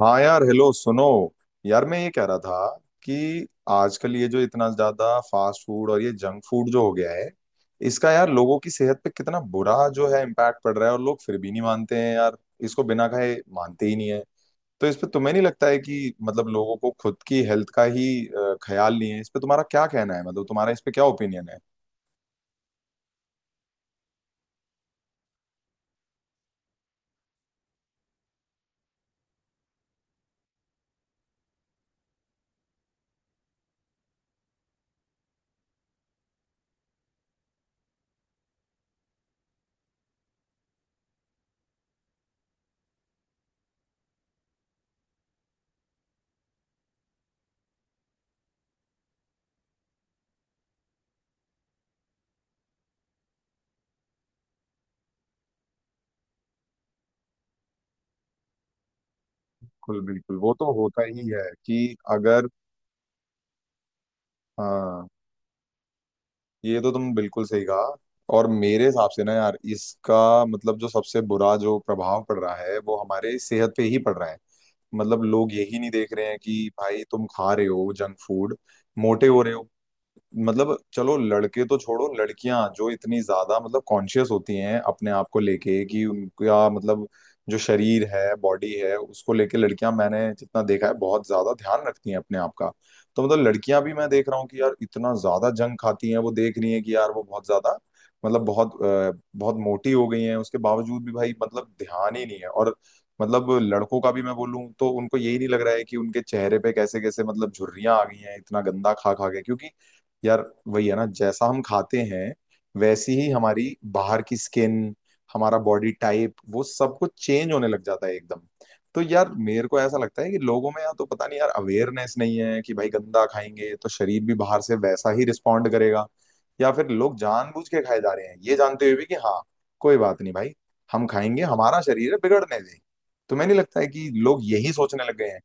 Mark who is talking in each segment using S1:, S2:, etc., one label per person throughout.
S1: हाँ यार हेलो सुनो। यार मैं ये कह रहा था कि आजकल ये जो इतना ज्यादा फास्ट फूड और ये जंक फूड जो हो गया है इसका यार लोगों की सेहत पे कितना बुरा जो है इम्पैक्ट पड़ रहा है, और लोग फिर भी नहीं मानते हैं यार। इसको बिना खाए मानते ही नहीं है। तो इस पे तुम्हें नहीं लगता है कि मतलब लोगों को खुद की हेल्थ का ही ख्याल नहीं है? इस पे तुम्हारा क्या कहना है? मतलब तुम्हारा इस पे क्या ओपिनियन है? बिल्कुल बिल्कुल, वो तो होता ही है कि अगर। हाँ। ये तो तुम बिल्कुल सही कहा। और मेरे हिसाब से ना यार इसका मतलब जो सबसे बुरा जो प्रभाव पड़ रहा है वो हमारे सेहत पे ही पड़ रहा है। मतलब लोग यही नहीं देख रहे हैं कि भाई तुम खा रहे हो जंक फूड, मोटे हो रहे हो। मतलब चलो लड़के तो छोड़ो, लड़कियां जो इतनी ज्यादा मतलब कॉन्शियस होती हैं अपने आप को लेके कि उनका मतलब जो शरीर है, बॉडी है, उसको लेके लड़कियां मैंने जितना देखा है बहुत ज्यादा ध्यान रखती हैं अपने आप का। तो मतलब लड़कियां भी मैं देख रहा हूँ कि यार इतना ज्यादा जंक खाती हैं, वो देख रही हैं कि यार वो बहुत ज्यादा मतलब बहुत बहुत मोटी हो गई हैं, उसके बावजूद भी भाई मतलब ध्यान ही नहीं है। और मतलब लड़कों का भी मैं बोलूं तो उनको यही नहीं लग रहा है कि उनके चेहरे पे कैसे कैसे मतलब झुर्रियां आ गई हैं इतना गंदा खा खा के, क्योंकि यार वही है ना जैसा हम खाते हैं वैसी ही हमारी बाहर की स्किन, हमारा बॉडी टाइप, वो सब कुछ चेंज होने लग जाता है एकदम। तो यार मेरे को ऐसा लगता है कि लोगों में या तो पता नहीं यार अवेयरनेस नहीं है कि भाई गंदा खाएंगे तो शरीर भी बाहर से वैसा ही रिस्पॉन्ड करेगा, या फिर लोग जानबूझ के खाए जा रहे हैं ये जानते हुए भी कि हाँ, कोई बात नहीं भाई, हम खाएंगे, हमारा शरीर है, बिगड़ने दें। तुम्हें नहीं लगता है कि लोग यही सोचने लग गए हैं?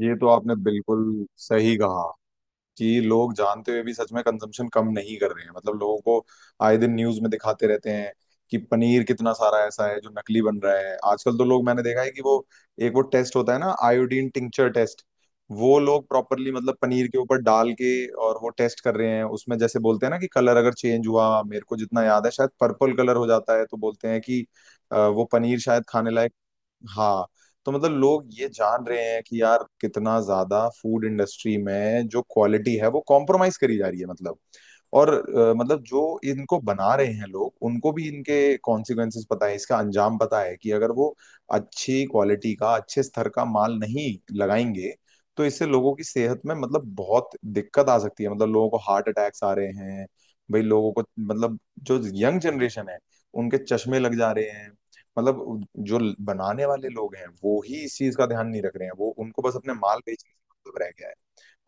S1: ये तो आपने बिल्कुल सही कहा कि लोग जानते हुए भी सच में कंजम्पशन कम नहीं कर रहे हैं, मतलब लोगों को आए दिन न्यूज में दिखाते रहते हैं कि पनीर कितना सारा ऐसा है जो नकली बन रहा है आजकल। तो लोग मैंने देखा है कि वो एक वो टेस्ट होता है ना, आयोडीन टिंचर टेस्ट, वो लोग प्रॉपरली मतलब पनीर के ऊपर डाल के और वो टेस्ट कर रहे हैं, उसमें जैसे बोलते हैं ना कि कलर अगर चेंज हुआ, मेरे को जितना याद है शायद पर्पल कलर हो जाता है, तो बोलते हैं कि वो पनीर शायद खाने लायक। हाँ। तो मतलब लोग ये जान रहे हैं कि यार कितना ज्यादा फूड इंडस्ट्री में जो क्वालिटी है वो कॉम्प्रोमाइज करी जा रही है मतलब। और मतलब जो इनको बना रहे हैं लोग उनको भी इनके कॉन्सिक्वेंसेस पता है, इसका अंजाम पता है कि अगर वो अच्छी क्वालिटी का, अच्छे स्तर का माल नहीं लगाएंगे तो इससे लोगों की सेहत में मतलब बहुत दिक्कत आ सकती है। मतलब लोगों को हार्ट अटैक्स आ रहे हैं, भाई लोगों को मतलब जो यंग जनरेशन है, उनके चश्मे लग जा रहे हैं। मतलब जो बनाने वाले लोग हैं वो ही इस चीज का ध्यान नहीं रख रहे हैं, वो उनको बस अपने माल बेचने से मतलब रह गया है।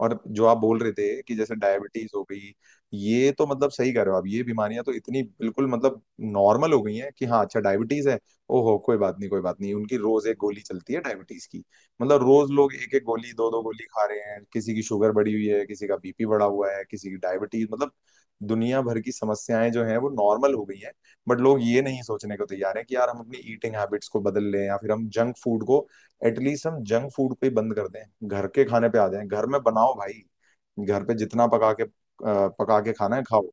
S1: और जो आप बोल रहे थे कि जैसे डायबिटीज हो गई, ये तो मतलब सही कह रहे हो आप, ये बीमारियां तो इतनी बिल्कुल मतलब नॉर्मल हो गई हैं कि हाँ अच्छा डायबिटीज है, ओहो कोई बात नहीं, कोई बात नहीं, उनकी रोज एक गोली चलती है डायबिटीज की। मतलब रोज लोग एक एक गोली, दो दो गोली खा रहे हैं, किसी की शुगर बढ़ी हुई है, किसी का बीपी बढ़ा हुआ है, किसी की डायबिटीज मतलब दुनिया भर की समस्याएं जो हैं वो नॉर्मल हो गई हैं। बट लोग ये नहीं सोचने को तैयार हैं कि यार हम अपनी ईटिंग हैबिट्स को बदल लें, या फिर हम जंक फूड को, एटलीस्ट हम जंक फूड पे बंद कर दें, घर के खाने पे आ जाएं, घर में बनाओ भाई, घर पे जितना पका के पका के खाना है खाओ।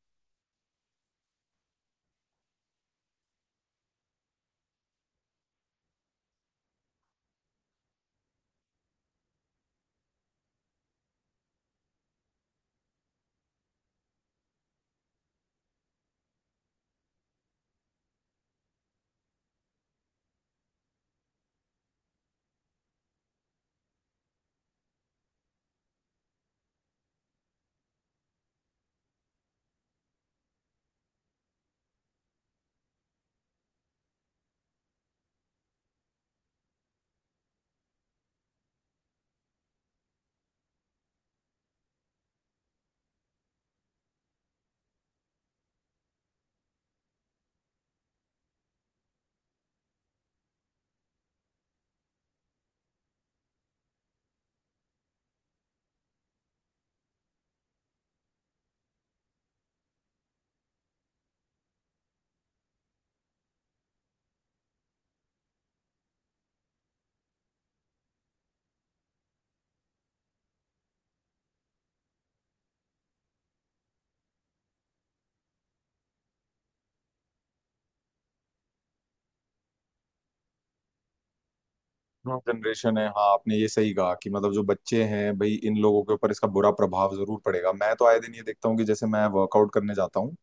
S1: हाँ जनरेशन है, हाँ आपने ये सही कहा कि मतलब जो बच्चे हैं भाई, इन लोगों के ऊपर इसका बुरा प्रभाव जरूर पड़ेगा। मैं तो आए दिन ये देखता हूँ कि जैसे मैं वर्कआउट करने जाता हूँ,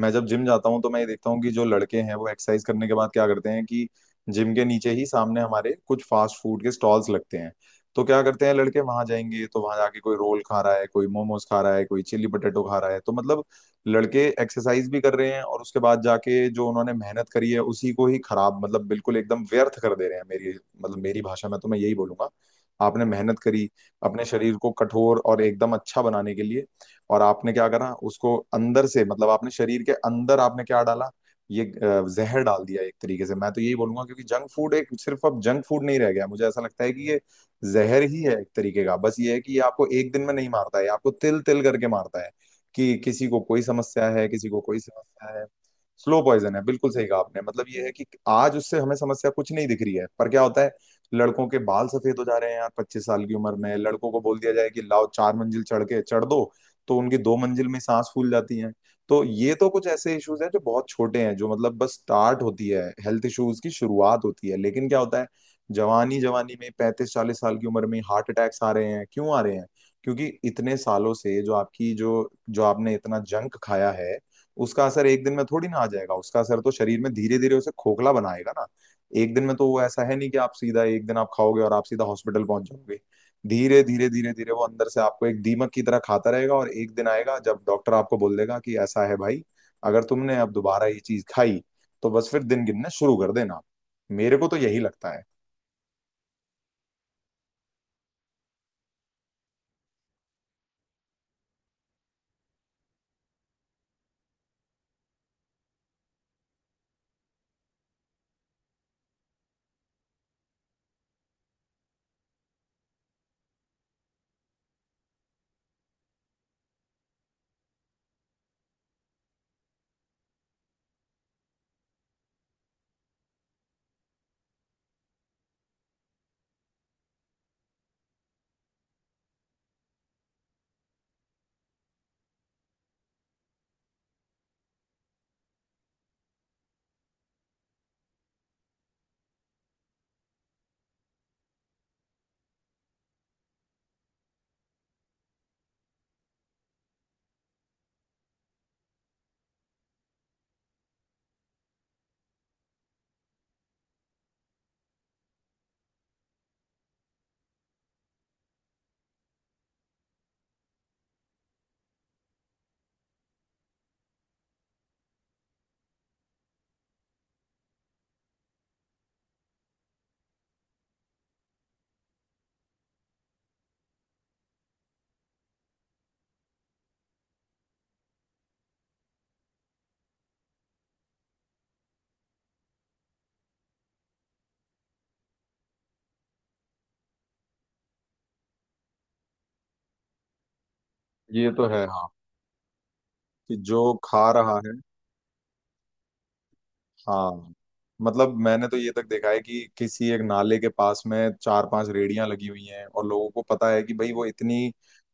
S1: मैं जब जिम जाता हूँ तो मैं ये देखता हूँ कि जो लड़के हैं वो एक्सरसाइज करने के बाद क्या करते हैं कि जिम के नीचे ही सामने हमारे कुछ फास्ट फूड के स्टॉल्स लगते हैं, तो क्या करते हैं लड़के, वहां जाएंगे तो वहां जाके कोई रोल खा रहा है, कोई मोमोज खा रहा है, कोई चिली पटेटो खा रहा है। तो मतलब लड़के एक्सरसाइज भी कर रहे हैं और उसके बाद जाके जो उन्होंने मेहनत करी है उसी को ही खराब, मतलब बिल्कुल एकदम व्यर्थ कर दे रहे हैं, मेरी मतलब मेरी भाषा में तो मैं यही बोलूंगा। आपने मेहनत करी अपने शरीर को कठोर और एकदम अच्छा बनाने के लिए, और आपने क्या करा, उसको अंदर से मतलब आपने शरीर के अंदर आपने क्या डाला, ये जहर डाल दिया एक तरीके से, मैं तो यही बोलूंगा, क्योंकि जंक फूड एक सिर्फ अब जंक फूड नहीं रह गया, मुझे ऐसा लगता है कि ये जहर ही है एक तरीके का। बस ये है कि ये आपको एक दिन में नहीं मारता है, ये आपको तिल तिल करके मारता है, कि किसी को कोई समस्या है, किसी को कोई समस्या है। स्लो पॉइजन है, बिल्कुल सही कहा आपने, मतलब ये है कि आज उससे हमें समस्या कुछ नहीं दिख रही है पर क्या होता है, लड़कों के बाल सफेद हो जा रहे हैं यार 25 साल की उम्र में, लड़कों को बोल दिया जाए कि लाओ 4 मंजिल चढ़ के चढ़ दो तो उनकी 2 मंजिल में सांस फूल जाती है। तो ये तो कुछ ऐसे इश्यूज हैं जो बहुत छोटे हैं, जो मतलब बस स्टार्ट होती है, हेल्थ इश्यूज की शुरुआत होती है, लेकिन क्या होता है, जवानी जवानी में 35-40 साल की उम्र में हार्ट अटैक्स आ रहे हैं, क्यों आ रहे हैं? क्योंकि इतने सालों से जो आपकी जो जो आपने इतना जंक खाया है, उसका असर एक दिन में थोड़ी ना आ जाएगा, उसका असर तो शरीर में धीरे धीरे उसे खोखला बनाएगा ना। एक दिन में तो वो ऐसा है नहीं कि आप सीधा एक दिन आप खाओगे और आप सीधा हॉस्पिटल पहुंच जाओगे, धीरे धीरे धीरे धीरे वो अंदर से आपको एक दीमक की तरह खाता रहेगा, और एक दिन आएगा जब डॉक्टर आपको बोल देगा कि ऐसा है भाई, अगर तुमने अब दोबारा ये चीज खाई तो बस फिर दिन गिनना शुरू कर देना। मेरे को तो यही लगता है। ये तो है हाँ, कि जो खा रहा है। हाँ, मतलब मैंने तो ये तक देखा है कि किसी एक नाले के पास में 4-5 रेड़ियां लगी हुई हैं, और लोगों को पता है कि भाई वो इतनी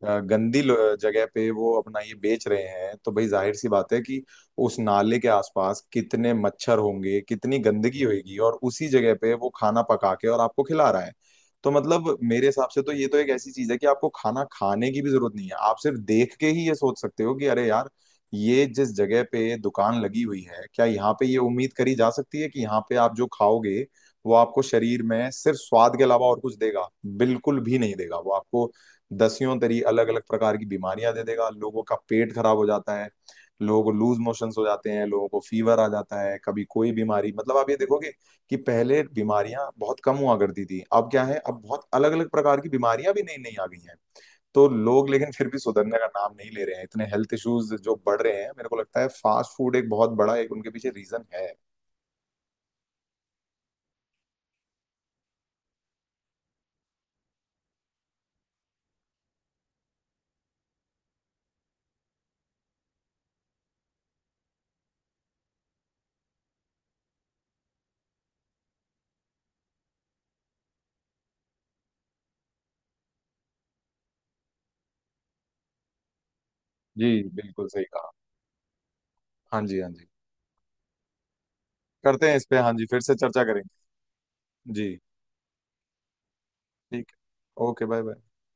S1: गंदी जगह पे वो अपना ये बेच रहे हैं, तो भाई जाहिर सी बात है कि उस नाले के आसपास कितने मच्छर होंगे, कितनी गंदगी होगी, और उसी जगह पे वो खाना पका के और आपको खिला रहा है। तो मतलब मेरे हिसाब से तो ये तो एक ऐसी चीज है कि आपको खाना खाने की भी जरूरत नहीं है, आप सिर्फ देख के ही ये सोच सकते हो कि अरे यार ये जिस जगह पे दुकान लगी हुई है, क्या यहाँ पे ये उम्मीद करी जा सकती है कि यहाँ पे आप जो खाओगे वो आपको शरीर में सिर्फ स्वाद के अलावा और कुछ देगा? बिल्कुल भी नहीं देगा वो आपको। दसियों तरी अलग अलग प्रकार की बीमारियां दे देगा, लोगों का पेट खराब हो जाता है, लोगों को लूज मोशंस हो जाते हैं, लोगों को फीवर आ जाता है, कभी कोई बीमारी मतलब। आप ये देखोगे कि पहले बीमारियां बहुत कम हुआ करती थी, अब क्या है, अब बहुत अलग अलग प्रकार की बीमारियां भी नई नई आ गई हैं। तो लोग लेकिन फिर भी सुधरने का नाम नहीं ले रहे हैं, इतने हेल्थ इश्यूज जो बढ़ रहे हैं, मेरे को लगता है फास्ट फूड एक बहुत बड़ा एक उनके पीछे रीजन है। जी, बिल्कुल सही कहा। हाँ जी, हाँ जी। करते हैं इस पे, हाँ जी फिर से चर्चा करेंगे। जी। ठीक है, ओके बाय बाय।